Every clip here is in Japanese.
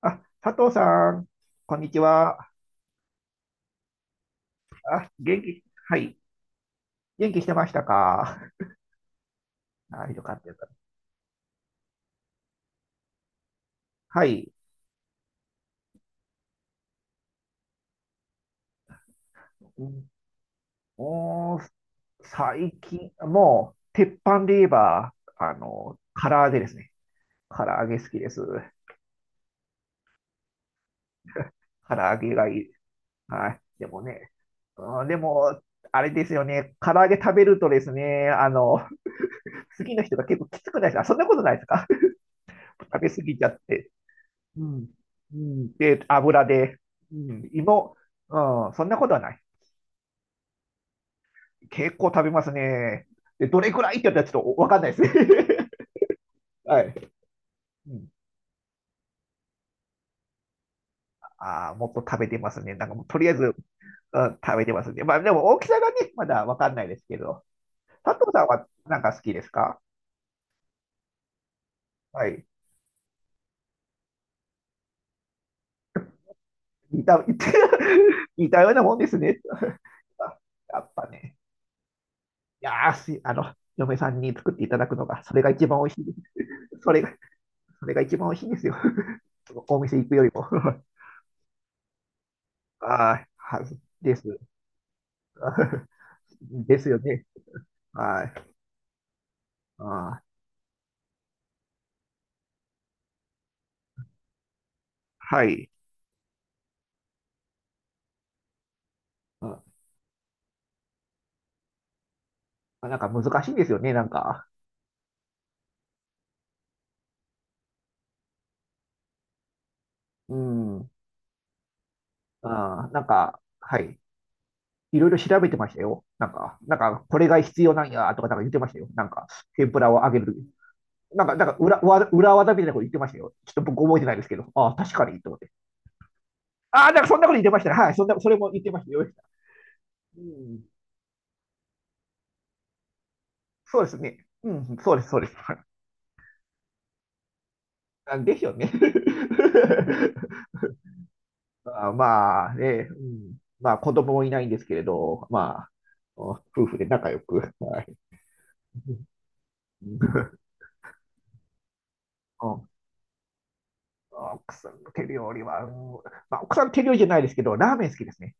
あ、佐藤さん、こんにちは。あ、元気、はい。元気してましたか？あ、よかったよかった。はい。うん。おー、最近、もう、鉄板で言えば、唐揚げですね。唐揚げ好きです。唐揚げがいい。はい。でもね、うん、でも、あれですよね。唐揚げ食べるとですね、好きな人が結構きつくないですか？そんなことないですか？ 食べ過ぎちゃって。うん、うん、で、油で、うん。芋、うん、そんなことはない。結構食べますね。で、どれくらいって言ったらちょっとわかんないですね。はい。うん、ああ、もっと食べてますね。なんかもうとりあえず、うん、食べてますね。まあでも大きさがね、まだわかんないですけど。佐藤さんはなんか好きですか？はい。似た、似た 似たようなもんですね。あ、やっぱね。いやーし、嫁さんに作っていただくのが、それが一番美味しいです。それがそれが一番美味しいんですよ。そのお店行くよりも。はい。はです。ですよね。はい。あー、はい。うん、なんか難しいんですよね、なんか。うん。あー、なんか、はい。いろいろ調べてましたよ。なんか、これが必要なんやとか、なんか言ってましたよ。なんか、天ぷらを揚げるとき。なんか、裏技みたいなこと言ってましたよ。ちょっと僕覚えてないですけど。ああ、確かに、と思って。ああ、なんかそんなこと言ってましたね。はい、そんな、それも言ってましたよ。うん、そうですね。うん、そうです、そうです。はい。ですよね。まあ、まあね、まあ子供もいないんですけれど、まあ、夫婦で仲良く。はい。う。奥さんの手料理は、まあ、奥さん手料理じゃないですけど、ラーメン好きですね。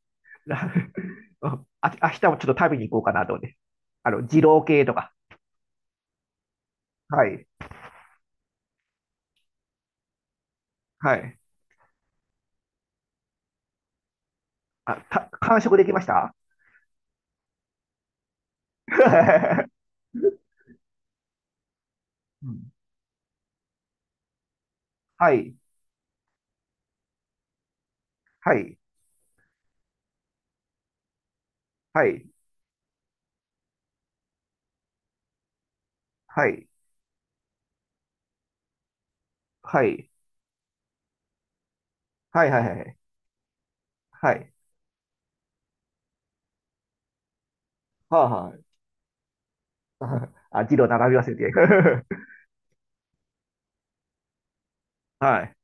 うん。あ、明日もちょっと食べに行こうかなと思って。二郎系とか。はい。はい。あ、完食できましたはい。はい。はい。はい。はい。はい。はい。はい。はい。はい。はい。はい。あ、字の並び忘れて。はい。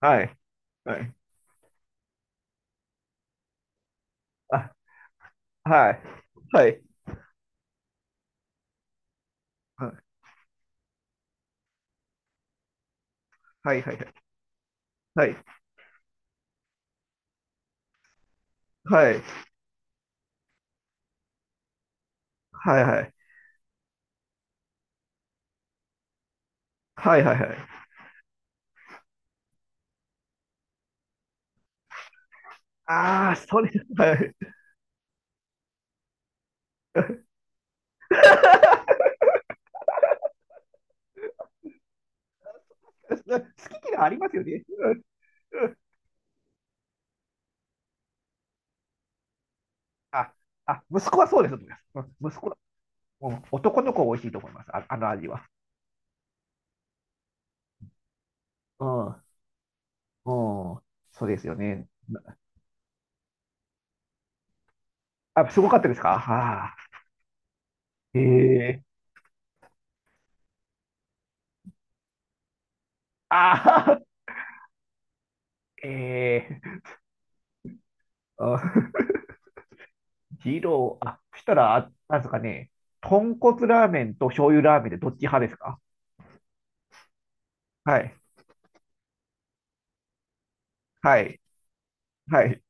はい。はい。あ、はい。はい。はい。はい。はい。はい。はい。はい。はい。はい。はい。ああ、それ、はい。好き嫌いありますよね。うん。うん。あ、あ、息子はそうです。うん、息子は、うん、男の子は美味しいと思います。あ、あの味は。うん。うん。そうですよね。あ、すごかったですか？ああー。ええ。ああ。ええ。あ、二郎、あ、そしたら、あ、なんですかね、豚骨ラーメンと醤油ラーメンでどっち派ですか？はい、はい、はい。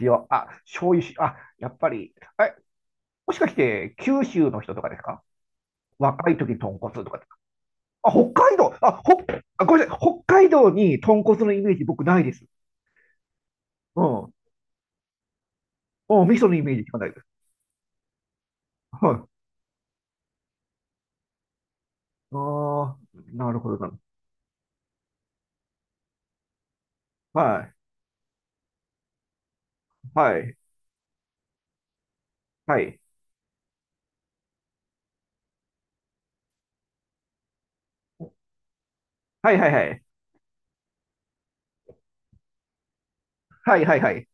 塩、あ、醤油し、あ、やっぱり、え、もしかして九州の人とかですか？若い時に豚骨とかか。あ、北海道、あ、ほ、あ、ごめんなさい、北海道に豚骨のイメージ僕ないです。うん。うん、味噌のイメージしかないです。はい。ああ、なるほどな。はい、はい、はい。はい、はい、はい。はい、はい、はい。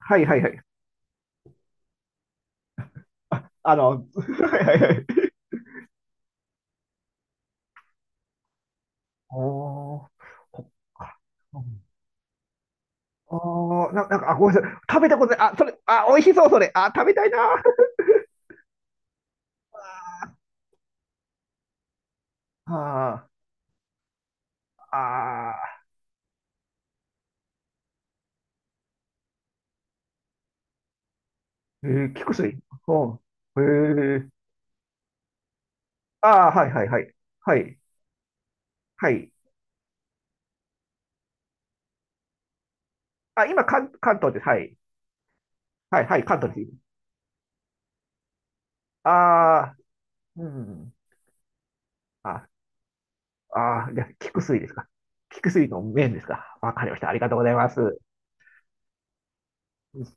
はい、はい、はい。あの、はい、はい、はい。おー、そっか。うん。おー、な、なんか、あ、ごめんなさい。食べたことない。あ、それ、あ、美味しそう、それ。あ、食べたいな。ああ。ああ。えー、菊水。うん。へえ。ああ、はい、はい、はい。はい、はい。あ、今、関、関東です。はい。はい、はい、関東です。ああ、うん。あ、ああ、じゃあ、菊水ですか。菊水の麺ですか。わかりました。ありがとうございます。うん。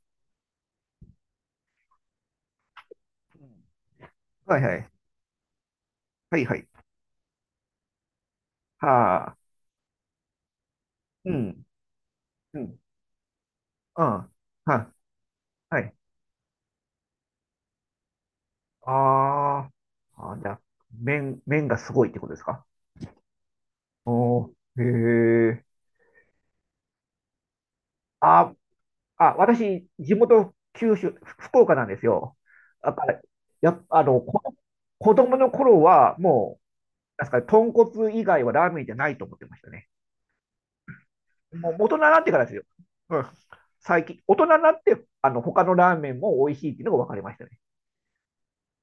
はい、はい。はい、はい。はあ。うん。うん。うん。は、はい。あー。あー、じゃあ、麺、麺がすごいってことですか？おー、へえ。あ、あ、私、地元、九州、福岡なんですよ。だから、やっぱ、子供の頃は、もう、なんすかね、豚骨以外はラーメンじゃないと思ってましたね。もう、大人になってからですよ。うん。最近、大人になって、他のラーメンも美味しいっていうのが分かりましたね。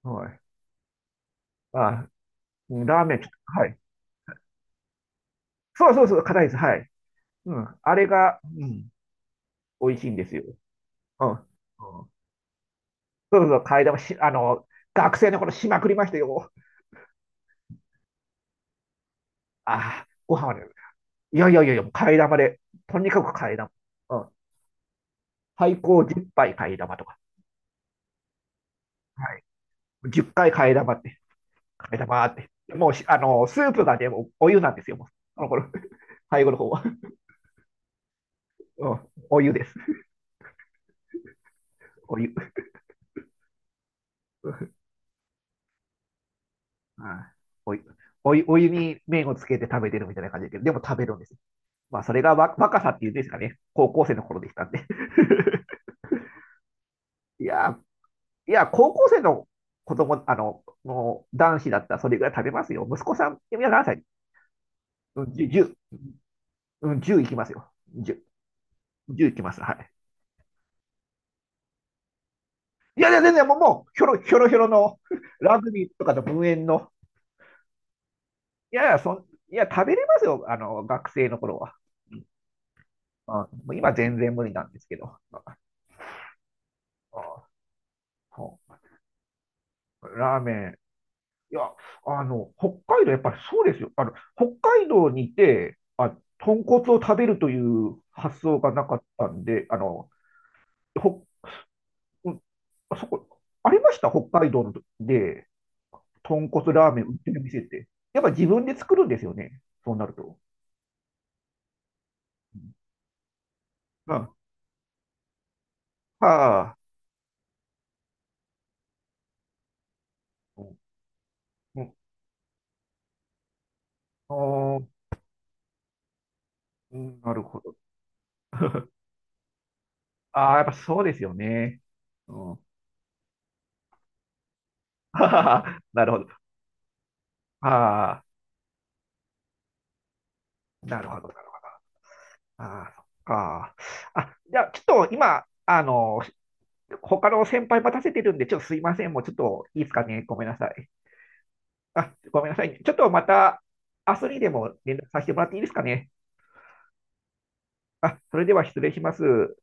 はい。あ、うん。ラーメン、ちょっと、はい。そうそうそう、硬いです。はい。うん。あれが、うん、美味しいんですよ。うん。うん。そうそう、替え玉し、学生の頃しまくりましたよ。ああ、ご飯はね、いやいやいやいや、替え玉で、とにかく替え玉。うん。最高10杯替え玉とか。はい。10回替え玉って、替え玉って。もうし、スープがでもお湯なんですよ、もう。あの頃、最後の方は。うん。お湯です。お湯。うん。お湯。お湯、お湯に麺をつけて食べてるみたいな感じだけど、でも食べるんです。まあ、それがわ若さっていうんですかね。高校生の頃でしたんで。いやー、いや、高校生の子供、男子だったらそれぐらい食べますよ。息子さん、今何歳？うん、10、うん、10いきますよ。10、じゅういきます。はい。いやいや、全然もう、もうひょろひょろひょろの ラグビーとかの文縁の。いやいや、そ、いや、食べれますよ。学生の頃は。うん、もう今全然無理なんですけど。うん。ラーメン、いや、北海道、やっぱりそうですよ。北海道にいて、あ、豚骨を食べるという発想がなかったんで、ほ、うん。そこ、ありました、北海道ので、豚骨ラーメン売ってる店って。やっぱ自分で作るんですよね。そうなると。うん。はあ。うん。うん。おー。うん、なるほど。ああ、やっぱそうですよね。うん。はははなるほど。ああ、なるほど。なるほど。ああ、そっか。あ、じゃあ、ちょっと今、他の先輩待たせてるんで、ちょっとすいません。もうちょっといいですかね。ごめんなさい。あ、ごめんなさいね。ちょっとまた、明日にでも連絡させてもらっていいですかね。あ、それでは失礼します。